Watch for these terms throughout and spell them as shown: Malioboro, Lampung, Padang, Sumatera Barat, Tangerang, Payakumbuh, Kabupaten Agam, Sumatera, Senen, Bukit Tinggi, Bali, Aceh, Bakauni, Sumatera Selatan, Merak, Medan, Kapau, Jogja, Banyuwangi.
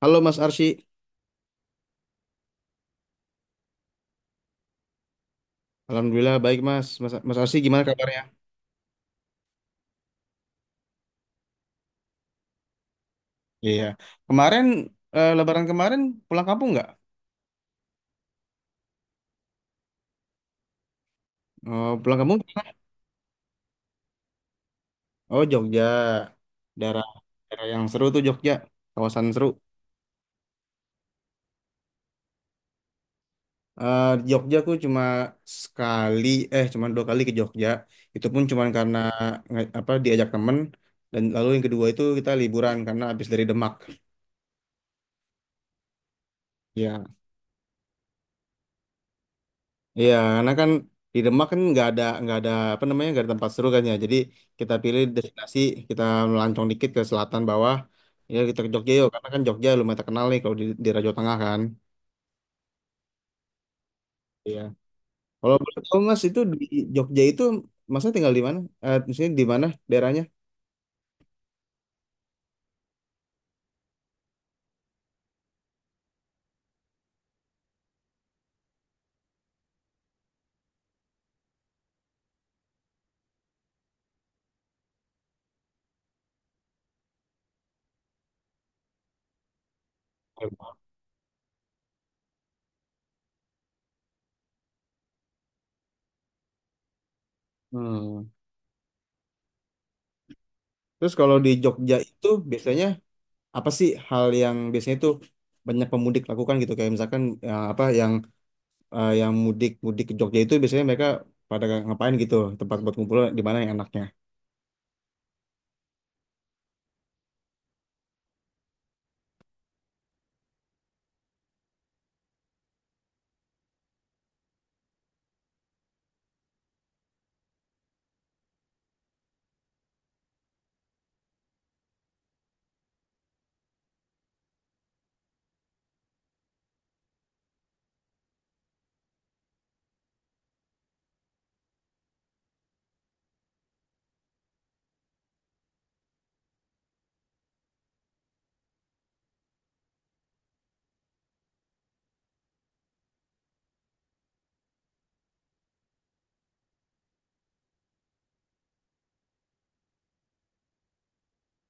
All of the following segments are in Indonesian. Halo Mas Arsy. Alhamdulillah baik, Mas. Mas Arsy gimana kabarnya? Iya, kemarin, eh, Lebaran kemarin pulang kampung nggak? Oh, pulang kampung? Kemana? Oh, Jogja, daerah daerah yang seru tuh Jogja, kawasan seru. Di Jogja aku cuma sekali, eh, cuma 2 kali ke Jogja. Itu pun cuma karena apa, diajak temen. Dan lalu yang kedua itu kita liburan karena habis dari Demak. Ya. Iya, karena kan di Demak kan nggak ada apa namanya, nggak ada tempat seru kan, ya. Jadi kita pilih destinasi, kita melancong dikit ke selatan bawah. Ya kita ke Jogja yuk, karena kan Jogja lumayan terkenal nih kalau di Raja Tengah kan. Iya. Kalau boleh tahu Mas itu di Jogja itu Masnya tinggal di mana? Eh, maksudnya di mana daerahnya? Hmm. Terus kalau di Jogja itu biasanya apa sih hal yang biasanya tuh banyak pemudik lakukan gitu kayak misalkan ya, apa yang yang mudik mudik ke Jogja itu biasanya mereka pada ngapain gitu, tempat buat ngumpul di mana yang enaknya?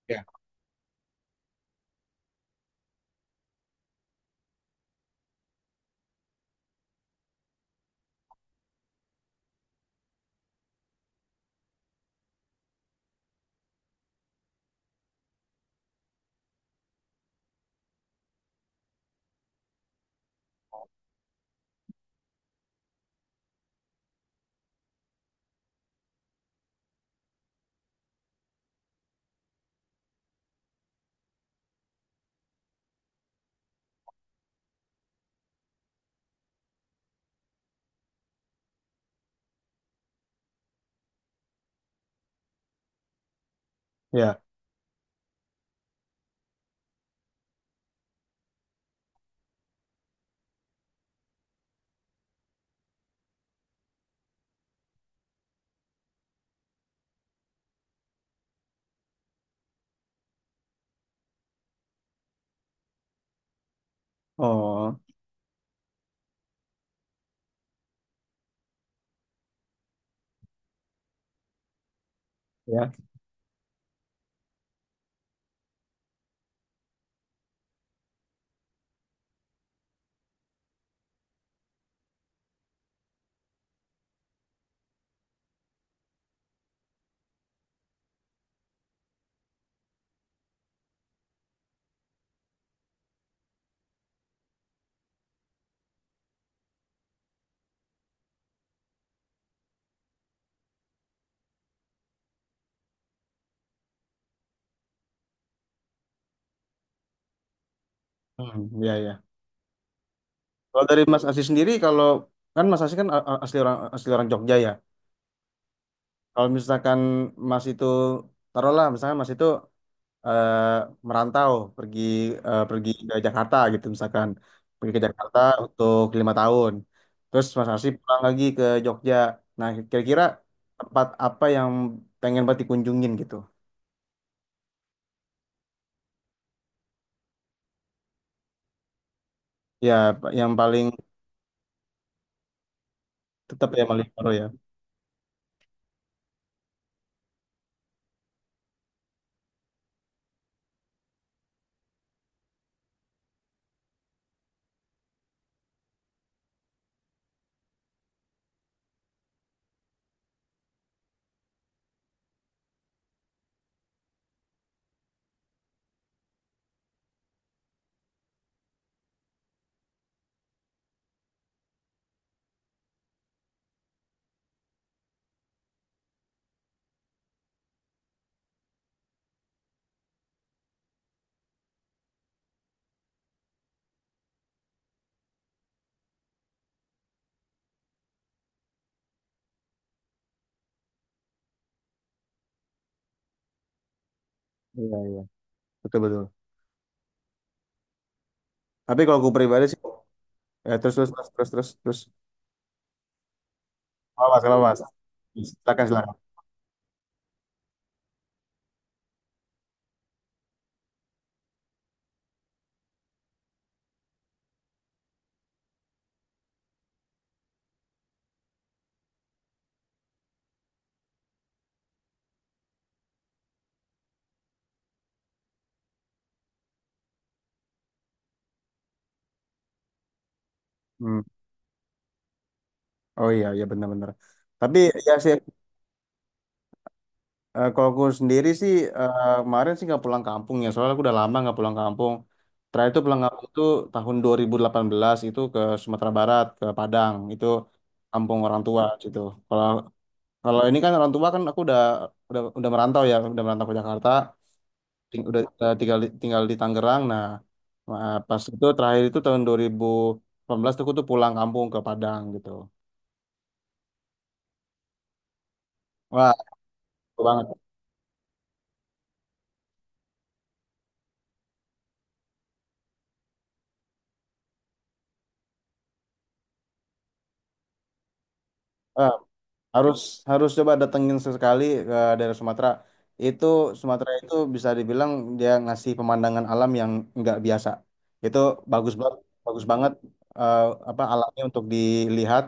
Ya. Ya, oh, ya. Hmm, ya, ya. Kalau dari Mas Asih sendiri, kalau kan Mas Asih kan asli orang Jogja ya. Kalau misalkan Mas itu taruhlah, misalkan Mas itu eh, merantau pergi, eh, pergi ke Jakarta gitu misalkan, pergi ke Jakarta untuk 5 tahun. Terus Mas Asih pulang lagi ke Jogja. Nah, kira-kira tempat apa yang pengen banget dikunjungin gitu? Ya, yang paling tetap ya Malioboro ya. Iya, iya. Betul, betul. Tapi kalau aku pribadi sih, ya, terus, terus, terus, terus, terus, terus. Awas, awas. Silakan, silakan. Hmm. Oh iya, iya, benar-benar. Tapi ya sih, kalau aku sendiri sih, eh, kemarin sih nggak pulang kampung ya. Soalnya aku udah lama nggak pulang kampung. Terakhir itu pulang kampung itu tahun 2018, itu ke Sumatera Barat, ke Padang. Itu kampung orang tua gitu. Kalau kalau ini kan orang tua kan aku udah, udah merantau ya, udah merantau ke Jakarta. Udah, tinggal di Tangerang. Nah, pas itu terakhir itu tahun 2018 tuh aku tuh pulang kampung ke Padang gitu. Wah, seru banget. Eh, harus harus coba datengin sesekali ke daerah Sumatera. Itu Sumatera itu bisa dibilang dia ngasih pemandangan alam yang nggak biasa. Itu bagus banget, bagus banget, eh, apa, alamnya untuk dilihat.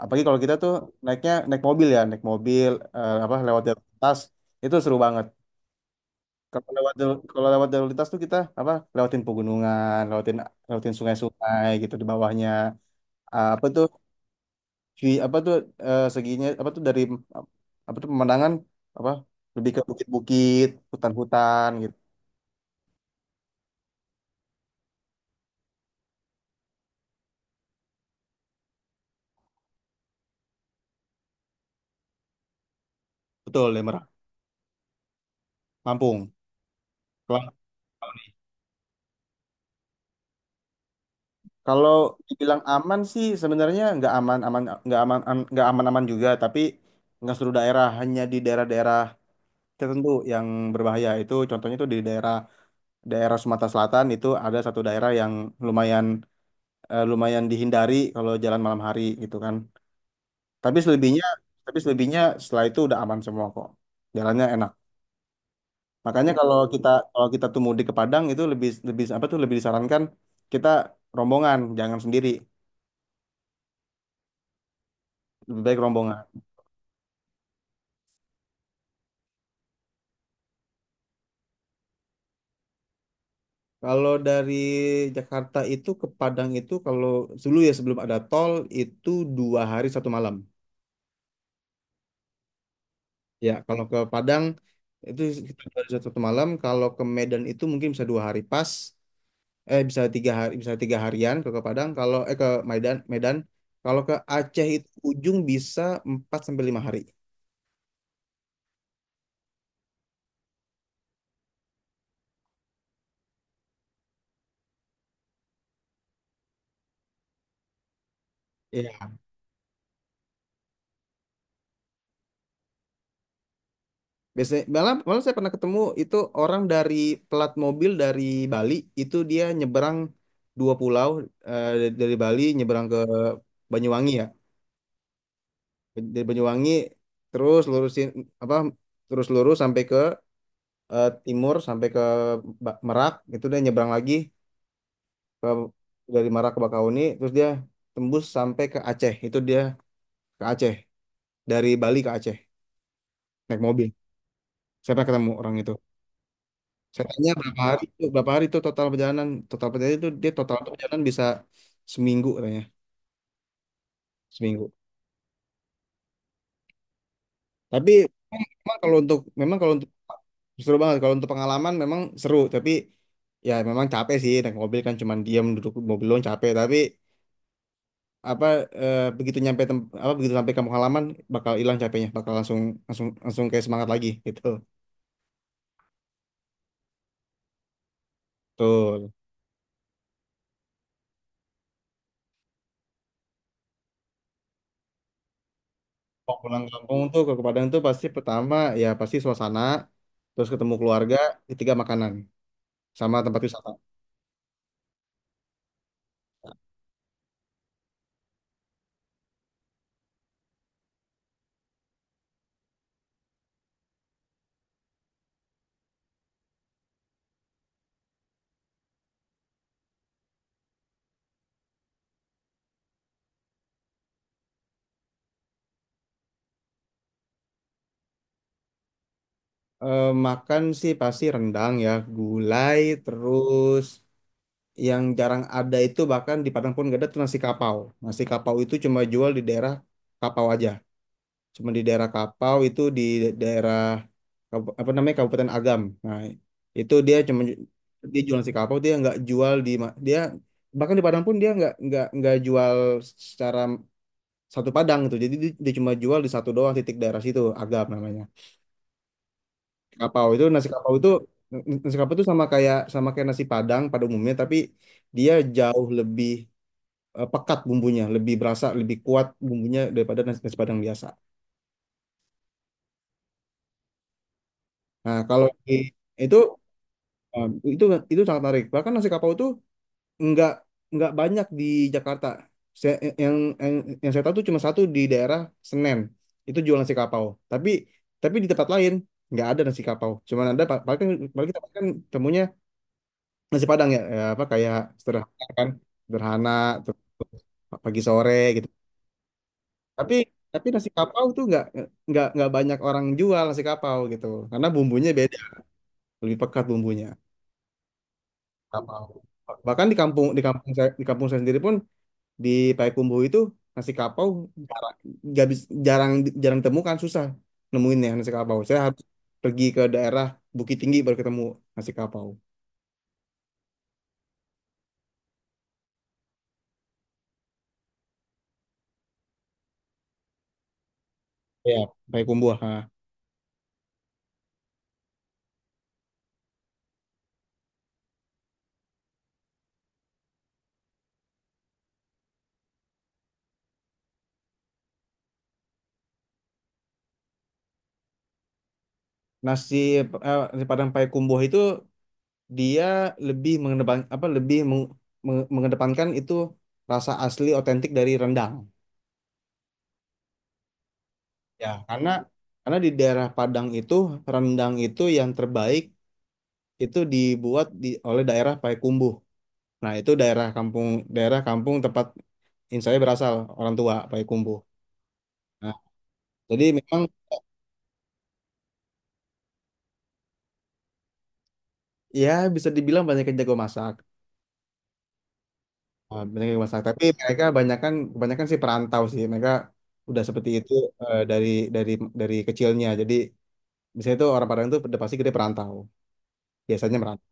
Apalagi kalau kita tuh naiknya naik mobil ya, naik mobil, apa, lewat jalan lintas itu seru banget. Kalau kalau lewat jalur lintas tuh kita apa lewatin pegunungan, lewatin lewatin sungai-sungai gitu di bawahnya. Ah, apa tuh, apa tuh, eh, seginya apa tuh dari, apa tuh pemandangan, apa, lebih ke bukit-bukit, hutan-hutan gitu. Betul, ya, Merah. Lampung. Kalau kalau dibilang aman sih sebenarnya nggak aman, aman nggak aman, nggak aman-aman juga, tapi nggak seluruh daerah, hanya di daerah-daerah tertentu yang berbahaya. Itu contohnya itu di daerah, Sumatera Selatan itu ada satu daerah yang lumayan, lumayan dihindari kalau jalan malam hari gitu kan. Tapi selebihnya, setelah itu udah aman semua kok. Jalannya enak. Makanya kalau kita, tuh mudik ke Padang itu lebih, apa tuh, lebih disarankan kita rombongan, jangan sendiri. Lebih baik rombongan. Kalau dari Jakarta itu ke Padang itu kalau dulu ya, sebelum ada tol itu 2 hari 1 malam. Ya, kalau ke Padang itu kita baru 1 malam. Kalau ke Medan itu mungkin bisa 2 hari pas. Eh, bisa 3 hari, bisa 3 harian ke Padang. Kalau ke Medan, Medan. Kalau ke Aceh itu ujung bisa 4 sampai 5 hari. Iya. Biasanya malah, malah saya pernah ketemu itu orang dari pelat mobil dari Bali, itu dia nyeberang 2 pulau, eh, dari Bali nyeberang ke Banyuwangi ya. Dari Banyuwangi terus lurusin apa, terus lurus sampai ke, timur, sampai ke Merak, itu dia nyebrang lagi ke, dari Merak ke Bakauni, terus dia tembus sampai ke Aceh, itu dia ke Aceh, dari Bali ke Aceh naik mobil, saya pernah ketemu orang itu. Saya tanya berapa hari itu, total perjalanan, total perjalanan itu dia total perjalanan bisa seminggu katanya, seminggu. Tapi memang kalau untuk, seru banget kalau untuk pengalaman memang seru, tapi ya memang capek sih, naik mobil kan cuman diam duduk di mobil doang capek, tapi apa, begitu apa, begitu sampai kamu halaman, bakal hilang capeknya, bakal langsung, langsung kayak semangat lagi gitu tuh. Kalau pulang kampung tuh ke Padang tuh pasti pertama ya pasti suasana, terus ketemu keluarga, ketiga makanan, sama tempat wisata. Eh, makan sih pasti rendang ya, gulai, terus yang jarang ada itu bahkan di Padang pun gak ada tuh nasi kapau. Nasi kapau itu cuma jual di daerah Kapau aja, cuma di daerah Kapau itu di daerah, apa namanya, Kabupaten Agam. Nah, itu dia cuma, dia jualan si kapau, dia nggak jual di dia bahkan di Padang pun dia nggak jual secara satu Padang gitu. Jadi dia cuma jual di satu doang titik daerah situ, Agam namanya. Kapau itu, nasi kapau itu, sama kayak, nasi Padang pada umumnya, tapi dia jauh lebih, pekat bumbunya, lebih berasa, lebih kuat bumbunya daripada nasi Padang biasa. Nah, itu em, itu itu sangat menarik. Bahkan nasi kapau itu nggak, banyak di Jakarta. Saya, yang, yang yang saya tahu tuh cuma satu di daerah Senen. Itu jual nasi kapau. Tapi, di tempat lain nggak ada nasi kapau. Cuman ada paling kan, paling kita kan temunya nasi Padang ya, ya apa kayak sederhana kan, sederhana, terus pagi sore gitu. Tapi, nasi kapau tuh nggak, banyak orang jual nasi kapau gitu. Karena bumbunya beda, lebih pekat bumbunya. Kapau. Bahkan di kampung, di kampung saya sendiri pun, di Payakumbu itu nasi kapau jarang, nggak bis- jarang, temukan, susah nemuinnya nasi kapau, saya harus pergi ke daerah Bukit Tinggi baru ketemu nasi kapau ya, Payakumbu, ha. Nasi, nasi Padang Payakumbu itu dia lebih mengedepan, apa lebih mengedepankan itu rasa asli otentik dari rendang ya, karena, di daerah Padang itu rendang itu yang terbaik itu dibuat di oleh daerah Payakumbuh. Nah, itu daerah kampung, tempat in saya berasal, orang tua Payakumbuh. Nah, jadi memang ya, bisa dibilang banyak yang jago masak. Nah, banyak yang masak, tapi mereka kebanyakan, sih perantau sih. Mereka udah seperti itu, dari, dari kecilnya. Jadi misalnya itu orang Padang itu udah pasti gede perantau. Biasanya merantau.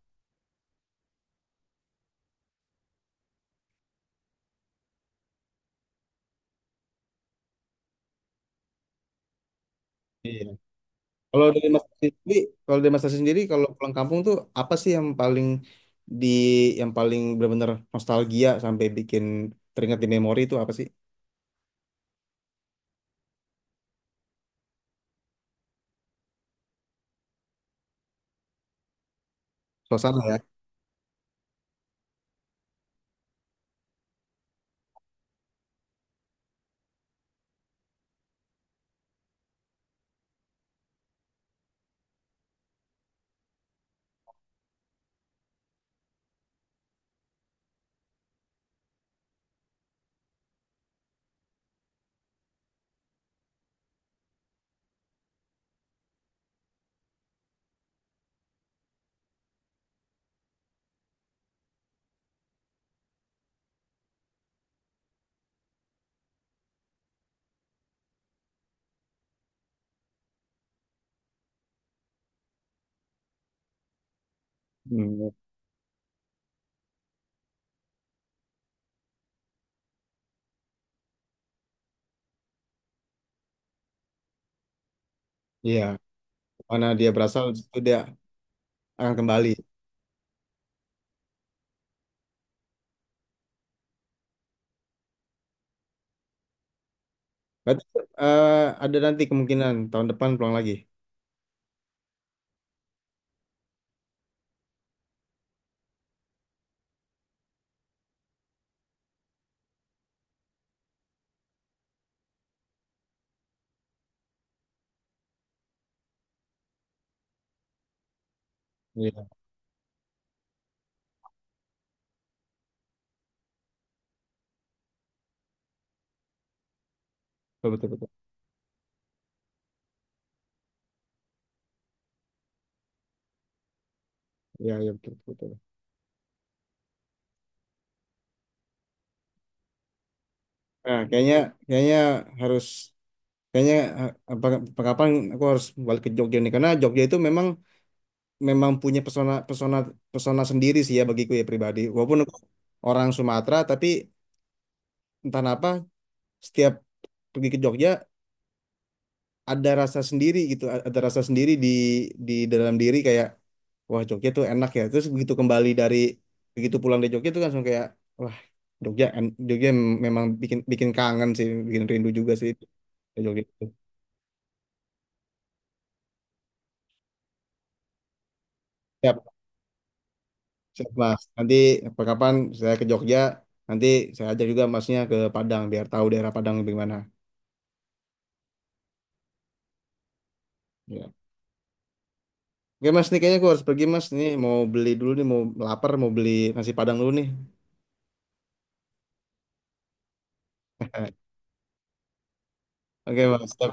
Iya. Kalau dari Mas Tasya sendiri, kalau pulang kampung tuh apa sih yang paling di, yang paling benar-benar nostalgia sampai bikin teringat di memori itu apa sih? Suasana ya. Hmm. Iya, mana dia berasal itu dia akan kembali. Berarti, eh, ada nanti kemungkinan tahun depan pulang lagi. Iya, betul, betul, betul. Iya, iya, betul, betul, betul. Nah, kayaknya, kayaknya harus, kayaknya, eh, apa, apa- kapan aku harus balik ke Jogja nih, karena Jogja itu memang, punya pesona, pesona pesona sendiri sih ya bagiku ya pribadi. Walaupun aku orang Sumatera, tapi entah kenapa, setiap pergi ke Jogja ada rasa sendiri gitu, ada rasa sendiri di dalam diri, kayak wah Jogja tuh enak ya, terus begitu kembali dari, begitu pulang dari Jogja tuh langsung kayak, wah Jogja Jogja memang bikin, kangen sih, bikin rindu juga sih ke Jogja itu. Siap, siap Mas, nanti kapan saya ke Jogja, nanti saya ajak juga masnya ke Padang biar tahu daerah Padang gimana, ya. Oke Mas, nih kayaknya aku harus pergi Mas, nih mau beli dulu nih, mau, lapar, mau beli nasi Padang dulu nih. oke Mas siap.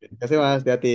Terima kasih Mas, hati-hati.